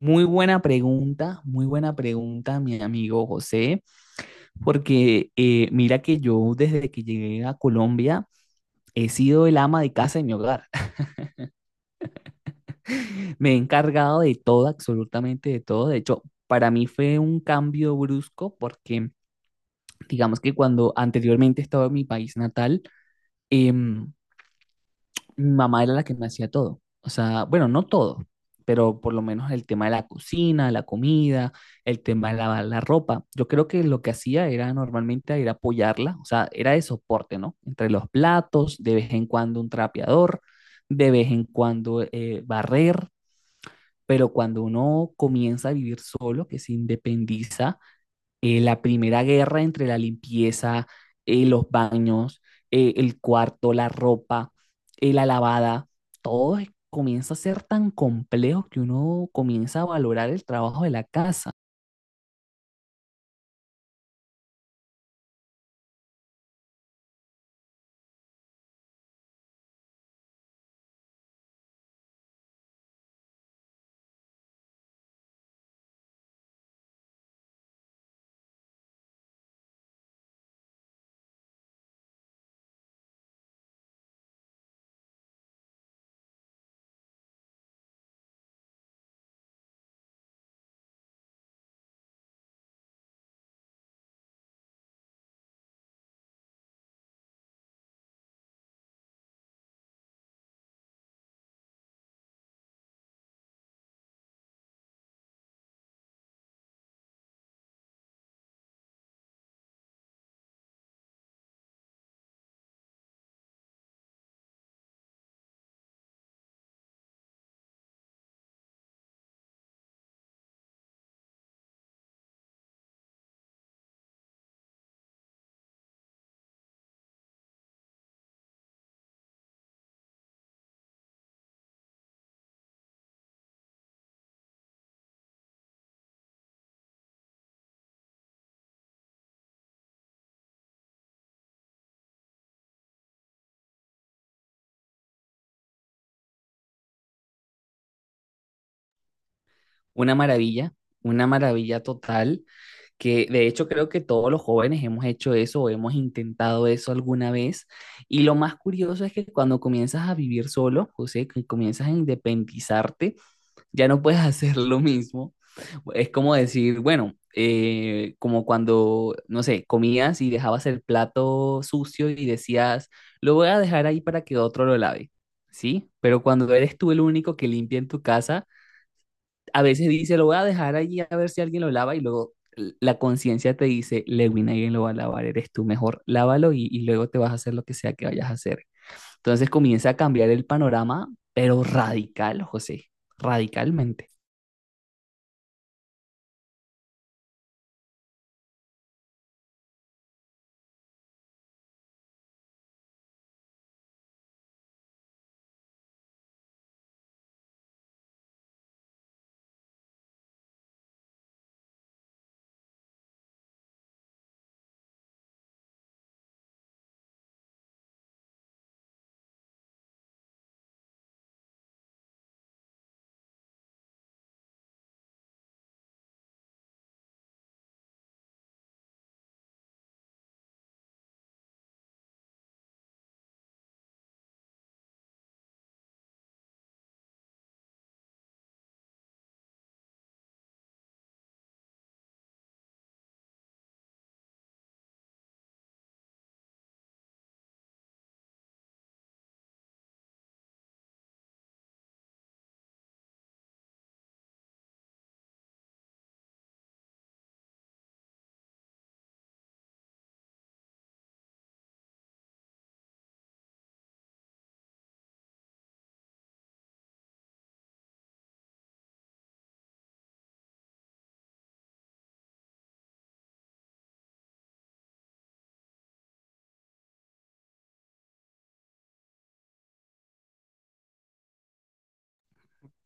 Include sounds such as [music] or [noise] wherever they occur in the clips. Muy buena pregunta, mi amigo José, porque mira que yo desde que llegué a Colombia he sido el ama de casa en mi hogar. [laughs] Me he encargado de todo, absolutamente de todo. De hecho, para mí fue un cambio brusco porque digamos que cuando anteriormente estaba en mi país natal, em, mi mamá era la que me hacía todo. O sea, bueno, no todo, pero por lo menos el tema de la cocina, la comida, el tema de lavar la ropa. Yo creo que lo que hacía era normalmente ir a apoyarla, o sea, era de soporte, ¿no? Entre los platos, de vez en cuando un trapeador, de vez en cuando barrer, pero cuando uno comienza a vivir solo, que se independiza, la primera guerra entre la limpieza, los baños, el cuarto, la ropa, la lavada, comienza a ser tan complejo que uno comienza a valorar el trabajo de la casa. Una maravilla, una maravilla total, que de hecho creo que todos los jóvenes hemos hecho eso o hemos intentado eso alguna vez. Y lo más curioso es que cuando comienzas a vivir solo, José, que comienzas a independizarte, ya no puedes [laughs] hacer lo mismo. Es como decir, bueno, como cuando, no sé, comías y dejabas el plato sucio y decías, lo voy a dejar ahí para que otro lo lave, ¿sí? Pero cuando eres tú el único que limpia en tu casa, a veces dice, lo voy a dejar allí a ver si alguien lo lava y luego la conciencia te dice, Lewin, alguien lo va a lavar, eres tú, mejor lávalo y luego te vas a hacer lo que sea que vayas a hacer. Entonces comienza a cambiar el panorama, pero radical, José, radicalmente.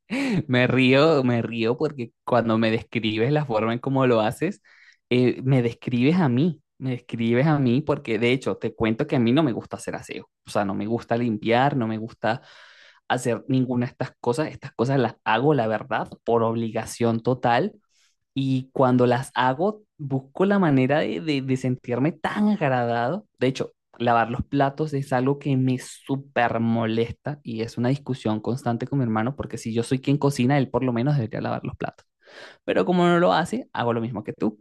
[laughs] Me río porque cuando me describes la forma en cómo lo haces, me describes a mí, me describes a mí porque de hecho te cuento que a mí no me gusta hacer aseo, o sea, no me gusta limpiar, no me gusta hacer ninguna de estas cosas las hago, la verdad, por obligación total y cuando las hago, busco la manera de, de sentirme tan agradado. De hecho, lavar los platos es algo que me súper molesta y es una discusión constante con mi hermano porque si yo soy quien cocina, él por lo menos debería lavar los platos. Pero como no lo hace, hago lo mismo que tú.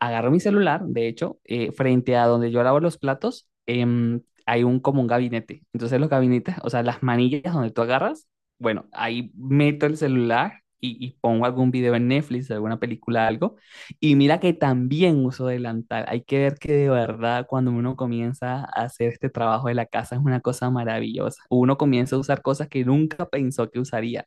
Agarré mi celular, de hecho, frente a donde yo lavo los platos, hay un como un gabinete. Entonces los gabinetes, o sea, las manillas donde tú agarras, bueno, ahí meto el celular y pongo algún video en Netflix, alguna película, algo. Y mira que también uso delantal. Hay que ver que de verdad cuando uno comienza a hacer este trabajo de la casa es una cosa maravillosa. Uno comienza a usar cosas que nunca pensó que usaría.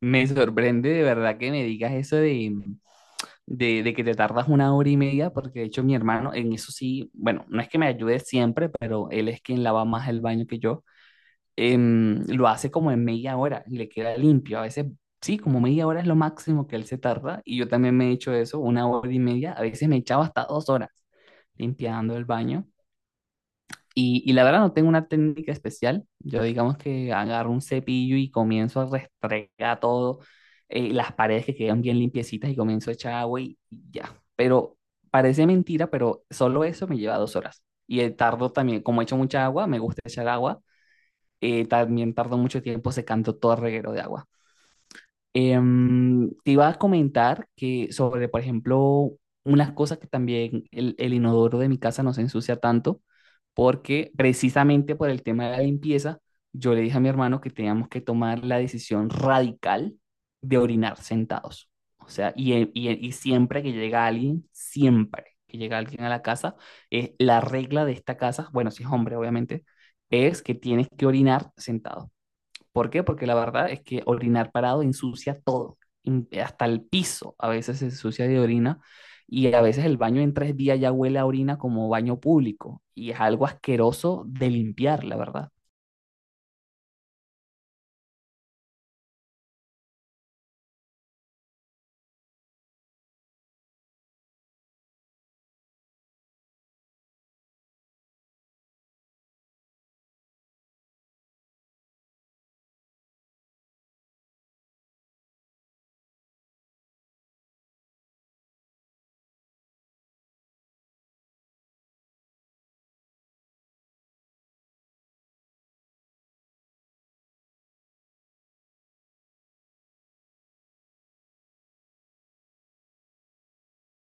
Me sorprende de verdad que me digas eso de, de que te tardas una hora y media, porque de hecho mi hermano en eso sí, bueno, no es que me ayude siempre, pero él es quien lava más el baño que yo, lo hace como en media hora y le queda limpio. A veces sí, como media hora es lo máximo que él se tarda y yo también me he hecho eso, una hora y media, a veces me echaba hasta 2 horas limpiando el baño. Y la verdad no tengo una técnica especial. Yo digamos que agarro un cepillo y comienzo a restregar todo, las paredes que quedan bien limpiecitas y comienzo a echar agua y ya. Pero parece mentira, pero solo eso me lleva 2 horas. Y tardo también, como echo mucha agua, me gusta echar agua, también tardo mucho tiempo secando todo el reguero de agua. Te iba a comentar que sobre, por ejemplo, unas cosas que también el inodoro de mi casa no se ensucia tanto, porque precisamente por el tema de la limpieza, yo le dije a mi hermano que teníamos que tomar la decisión radical de orinar sentados. O sea, y siempre que llega alguien, siempre que llega alguien a la casa, es la regla de esta casa, bueno, si es hombre, obviamente, es que tienes que orinar sentado. ¿Por qué? Porque la verdad es que orinar parado ensucia todo, hasta el piso a veces se ensucia de orina y a veces el baño en 3 días ya huele a orina como baño público y es algo asqueroso de limpiar, la verdad.